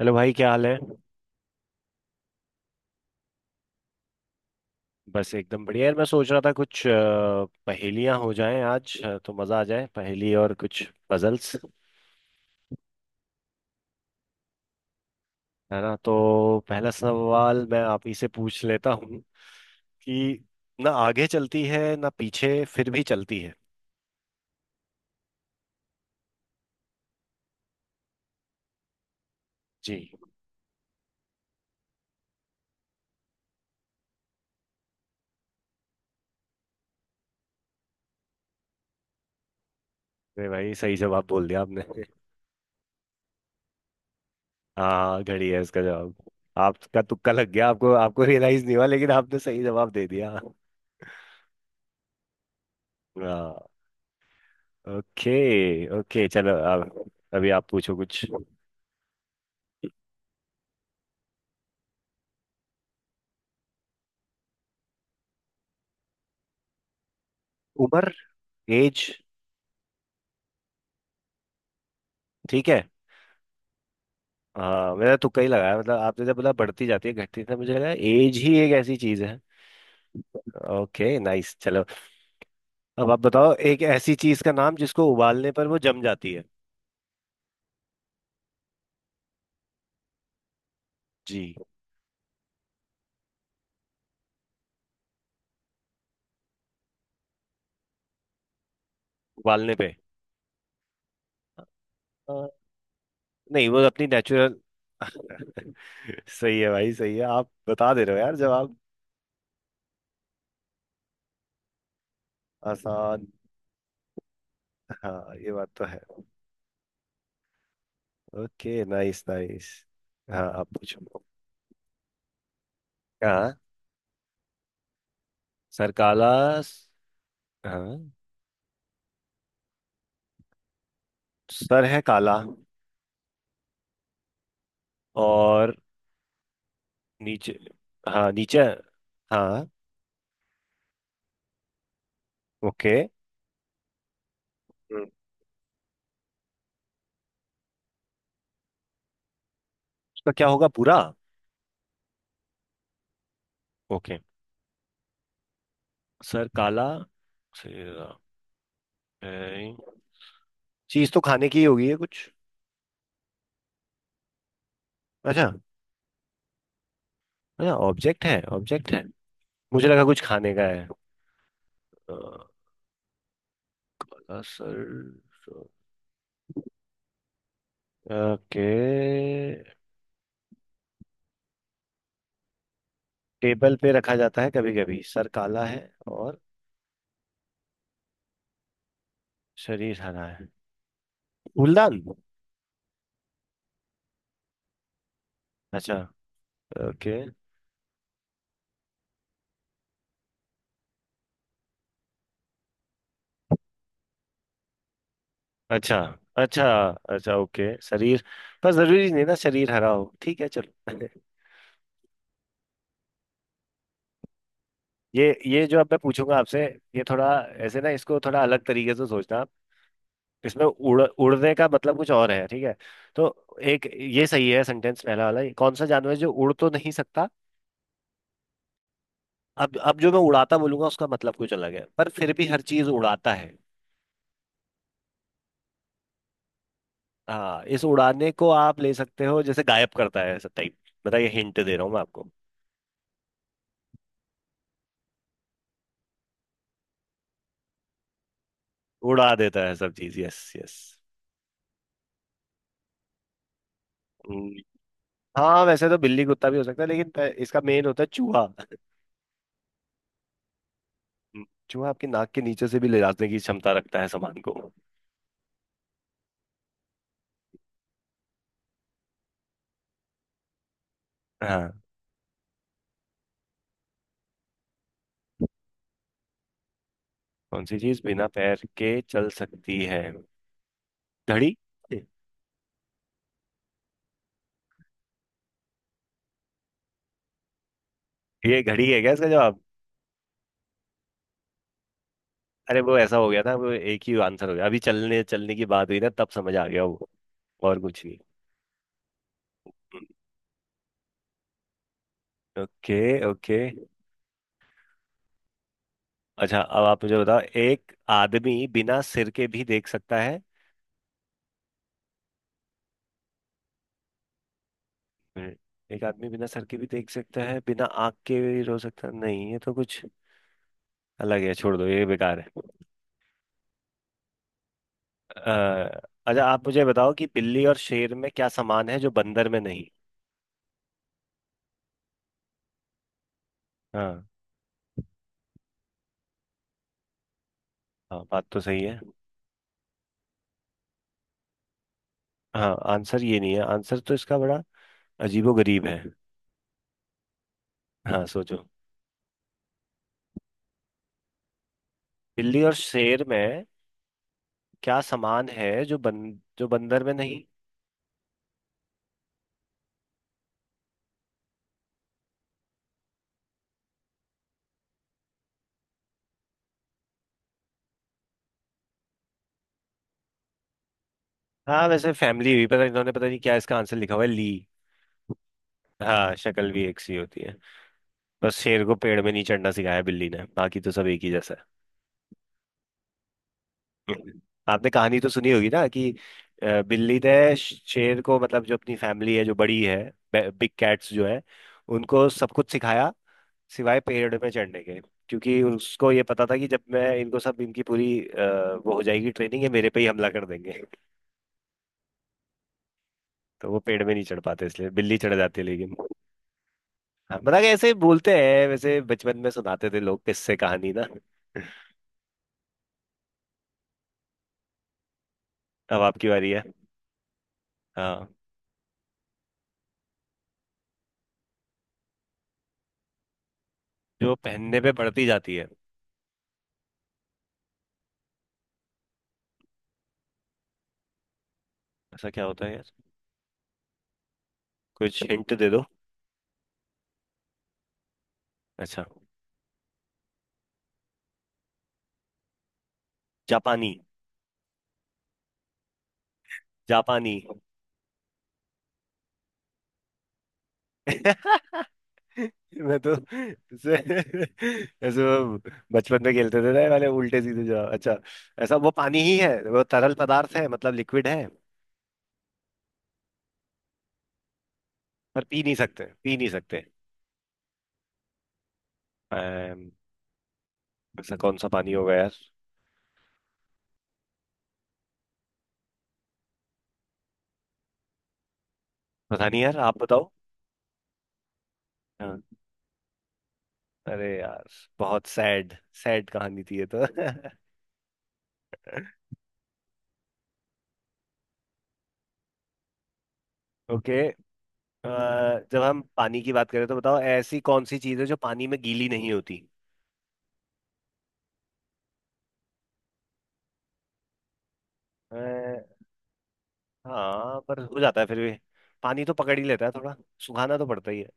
Hello भाई, क्या हाल है। बस एकदम बढ़िया यार। मैं सोच रहा था कुछ पहेलियां हो जाएं आज, तो मज़ा आ जाए। पहेली और कुछ पजल्स, है ना। तो पहला सवाल मैं आप ही से पूछ लेता हूँ कि ना आगे चलती है ना पीछे, फिर भी चलती है। जी। अरे भाई, सही जवाब बोल दिया आपने। हाँ, घड़ी है इसका जवाब। आपका तुक्का लग गया, आपको आपको रियलाइज नहीं हुआ लेकिन आपने सही जवाब दे दिया। हाँ। ओके। ओके चलो अब अभी आप पूछो कुछ। उम्र। एज। ठीक है। हाँ, मैंने तुक्का ही लगाया। मतलब आपने जब बोला बढ़ती जाती है घटती, था मुझे लगा एज ही एक ऐसी चीज है। Okay, nice. चलो अब आप बताओ एक ऐसी चीज का नाम जिसको उबालने पर वो जम जाती है। जी। उबालने पे। अ, नहीं, वो अपनी नेचुरल। सही है भाई, सही है। आप बता दे रहे हो यार जवाब। आसान। हाँ, ये बात तो है। Okay, nice nice. हाँ, आप पूछो। हाँ। सर काला। स- हाँ। सर है काला और नीचे। हाँ, नीचे। हाँ। ओके। हम्म। उसका क्या होगा भूरा। ओके। सर काला। सिरा। चीज तो खाने की ही होगी है कुछ। अच्छा। अच्छा, ऑब्जेक्ट है, ऑब्जेक्ट है। मुझे लगा कुछ खाने का है। काला सर। ओके। टेबल पे रखा जाता है कभी कभी, सर काला है और शरीर हरा है। फूलदान। अच्छा। ओके। अच्छा। अच्छा। अच्छा ओके। शरीर पर जरूरी नहीं ना शरीर हरा हो, ठीक है, चलो। ये जो अब मैं पूछूंगा आपसे, ये थोड़ा ऐसे ना, इसको थोड़ा अलग तरीके से सोचना आप। इसमें उड़ उड़ने का मतलब कुछ और है, ठीक है। तो एक ये सही है सेंटेंस पहला वाला, कौन सा जानवर है जो उड़ तो नहीं सकता। अब जो मैं उड़ाता बोलूंगा उसका मतलब कुछ अलग है, पर फिर भी हर चीज उड़ाता है। हाँ, इस उड़ाने को आप ले सकते हो जैसे गायब करता है, ऐसा टाइप। बताइए, हिंट दे रहा हूँ मैं आपको। उड़ा देता है सब चीज, यस यस। हाँ, वैसे तो बिल्ली कुत्ता भी हो सकता है लेकिन इसका मेन होता है चूहा। चूहा आपकी नाक के नीचे से भी ले जाने की क्षमता रखता है सामान को। हाँ। कौन सी चीज बिना पैर के चल सकती है। घड़ी। ये घड़ी है क्या इसका जवाब। अरे वो ऐसा हो गया था, वो एक ही आंसर हो गया। अभी चलने चलने की बात हुई ना, तब समझ आ गया वो। और कुछ नहीं। हम्म। ओके। ओके। अच्छा, अब आप मुझे बताओ, एक आदमी बिना सिर के भी देख सकता है। मिनट। एक आदमी बिना सर के भी देख सकता है, बिना आँख के भी रो सकता है। नहीं, ये तो कुछ अलग है। छोड़ दो, ये बेकार है। अ, अच्छा आप मुझे बताओ कि बिल्ली और शेर में क्या समान है जो बंदर में नहीं। हाँ। हाँ, बात तो सही है। हाँ, आंसर ये नहीं है। आंसर तो इसका बड़ा अजीबोगरीब है। हाँ, सोचो। बिल्ली और शेर में क्या समान है जो बन जो बंदर में नहीं। हाँ, वैसे फैमिली भी पता, इन्होंने पता नहीं क्या इसका आंसर लिखा हुआ है ली। हाँ, शक्ल भी एक सी होती है। बस शेर को पेड़ में नहीं चढ़ना सिखाया बिल्ली ने, बाकी तो सब एक ही जैसा है। आपने कहानी तो सुनी होगी ना कि बिल्ली ने शेर को, मतलब जो अपनी फैमिली है जो बड़ी है, बिग कैट्स जो है, उनको सब कुछ सिखाया, सिवाय पेड़ में चढ़ने के। क्योंकि उसको ये पता था कि जब मैं इनको सब इनकी पूरी वो हो जाएगी, ट्रेनिंग है, मेरे पे ही हमला कर देंगे। तो वो पेड़ में नहीं चढ़ पाते, इसलिए बिल्ली चढ़ जाती है लेकिन। हाँ, मतलब कि ऐसे बोलते हैं, वैसे बचपन में सुनाते थे लोग किससे कहानी ना। अब आपकी बारी है। हाँ। जो पहनने पे बढ़ती जाती है, ऐसा क्या होता है यार। कुछ हिंट दे दो। अच्छा। जापानी। जापानी। मैं तो ऐसे ऐसे वो बचपन में खेलते थे ना ये वाले उल्टे सीधे जवाब। अच्छा, ऐसा वो पानी ही है, वो तरल पदार्थ है, मतलब लिक्विड है। पर पी नहीं सकते, पी नहीं सकते। अम, ऐसा कौन सा पानी होगा यार। पता नहीं यार, आप बताओ। हाँ। अरे यार, बहुत सैड। सैड कहानी थी ये तो। ओके। अ, जब हम पानी की बात करें तो बताओ, ऐसी कौन सी चीज़ है जो पानी में गीली नहीं होती। अ, हाँ, पर हो जाता है फिर भी। पानी तो पकड़ ही लेता है थोड़ा, सुखाना तो पड़ता ही है।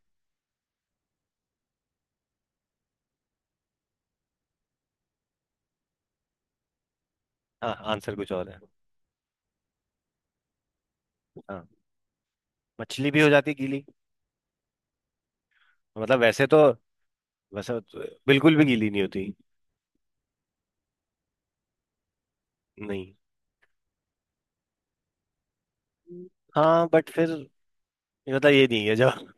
हाँ, आंसर कुछ और है। हाँ, मछली भी हो जाती है गीली। मतलब वैसे तो, वैसे तो बिल्कुल भी गीली नहीं होती। नहीं। हाँ बट फिर, ये मतलब ये नहीं है जवाब।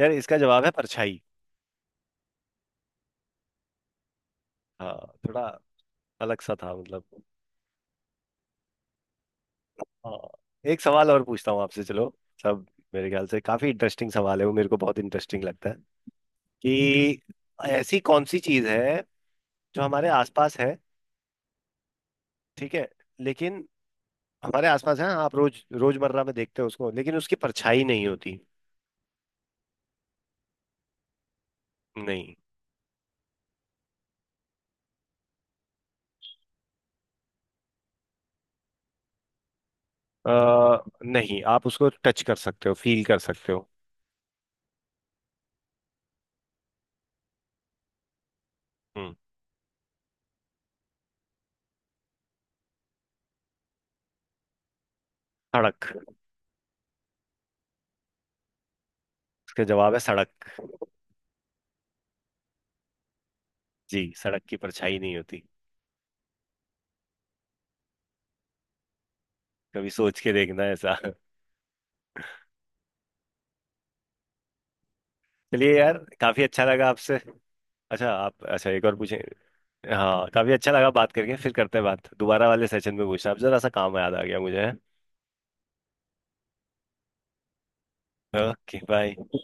यार इसका जवाब है परछाई। हाँ, थोड़ा अलग सा था मतलब। हाँ, एक सवाल और पूछता हूँ आपसे, चलो। सब, मेरे ख्याल से काफी इंटरेस्टिंग सवाल है, वो मेरे को बहुत इंटरेस्टिंग लगता है कि ऐसी कौन सी चीज है जो हमारे आसपास है। ठीक है। लेकिन हमारे आसपास है, आप रोज रोजमर्रा में देखते हो उसको, लेकिन उसकी परछाई नहीं होती। नहीं। आ, नहीं, आप उसको टच कर सकते हो, फील कर सकते हो। हम्म। सड़क। उसका जवाब है सड़क। जी, सड़क की परछाई नहीं होती। कभी सोच के देखना ऐसा। चलिए यार, काफी अच्छा लगा आपसे। अच्छा, आप अच्छा एक और पूछें। हाँ, काफी अच्छा लगा बात करके, फिर करते हैं बात दोबारा वाले सेशन में, पूछना आप। जरा सा काम याद आ गया मुझे। Okay bye।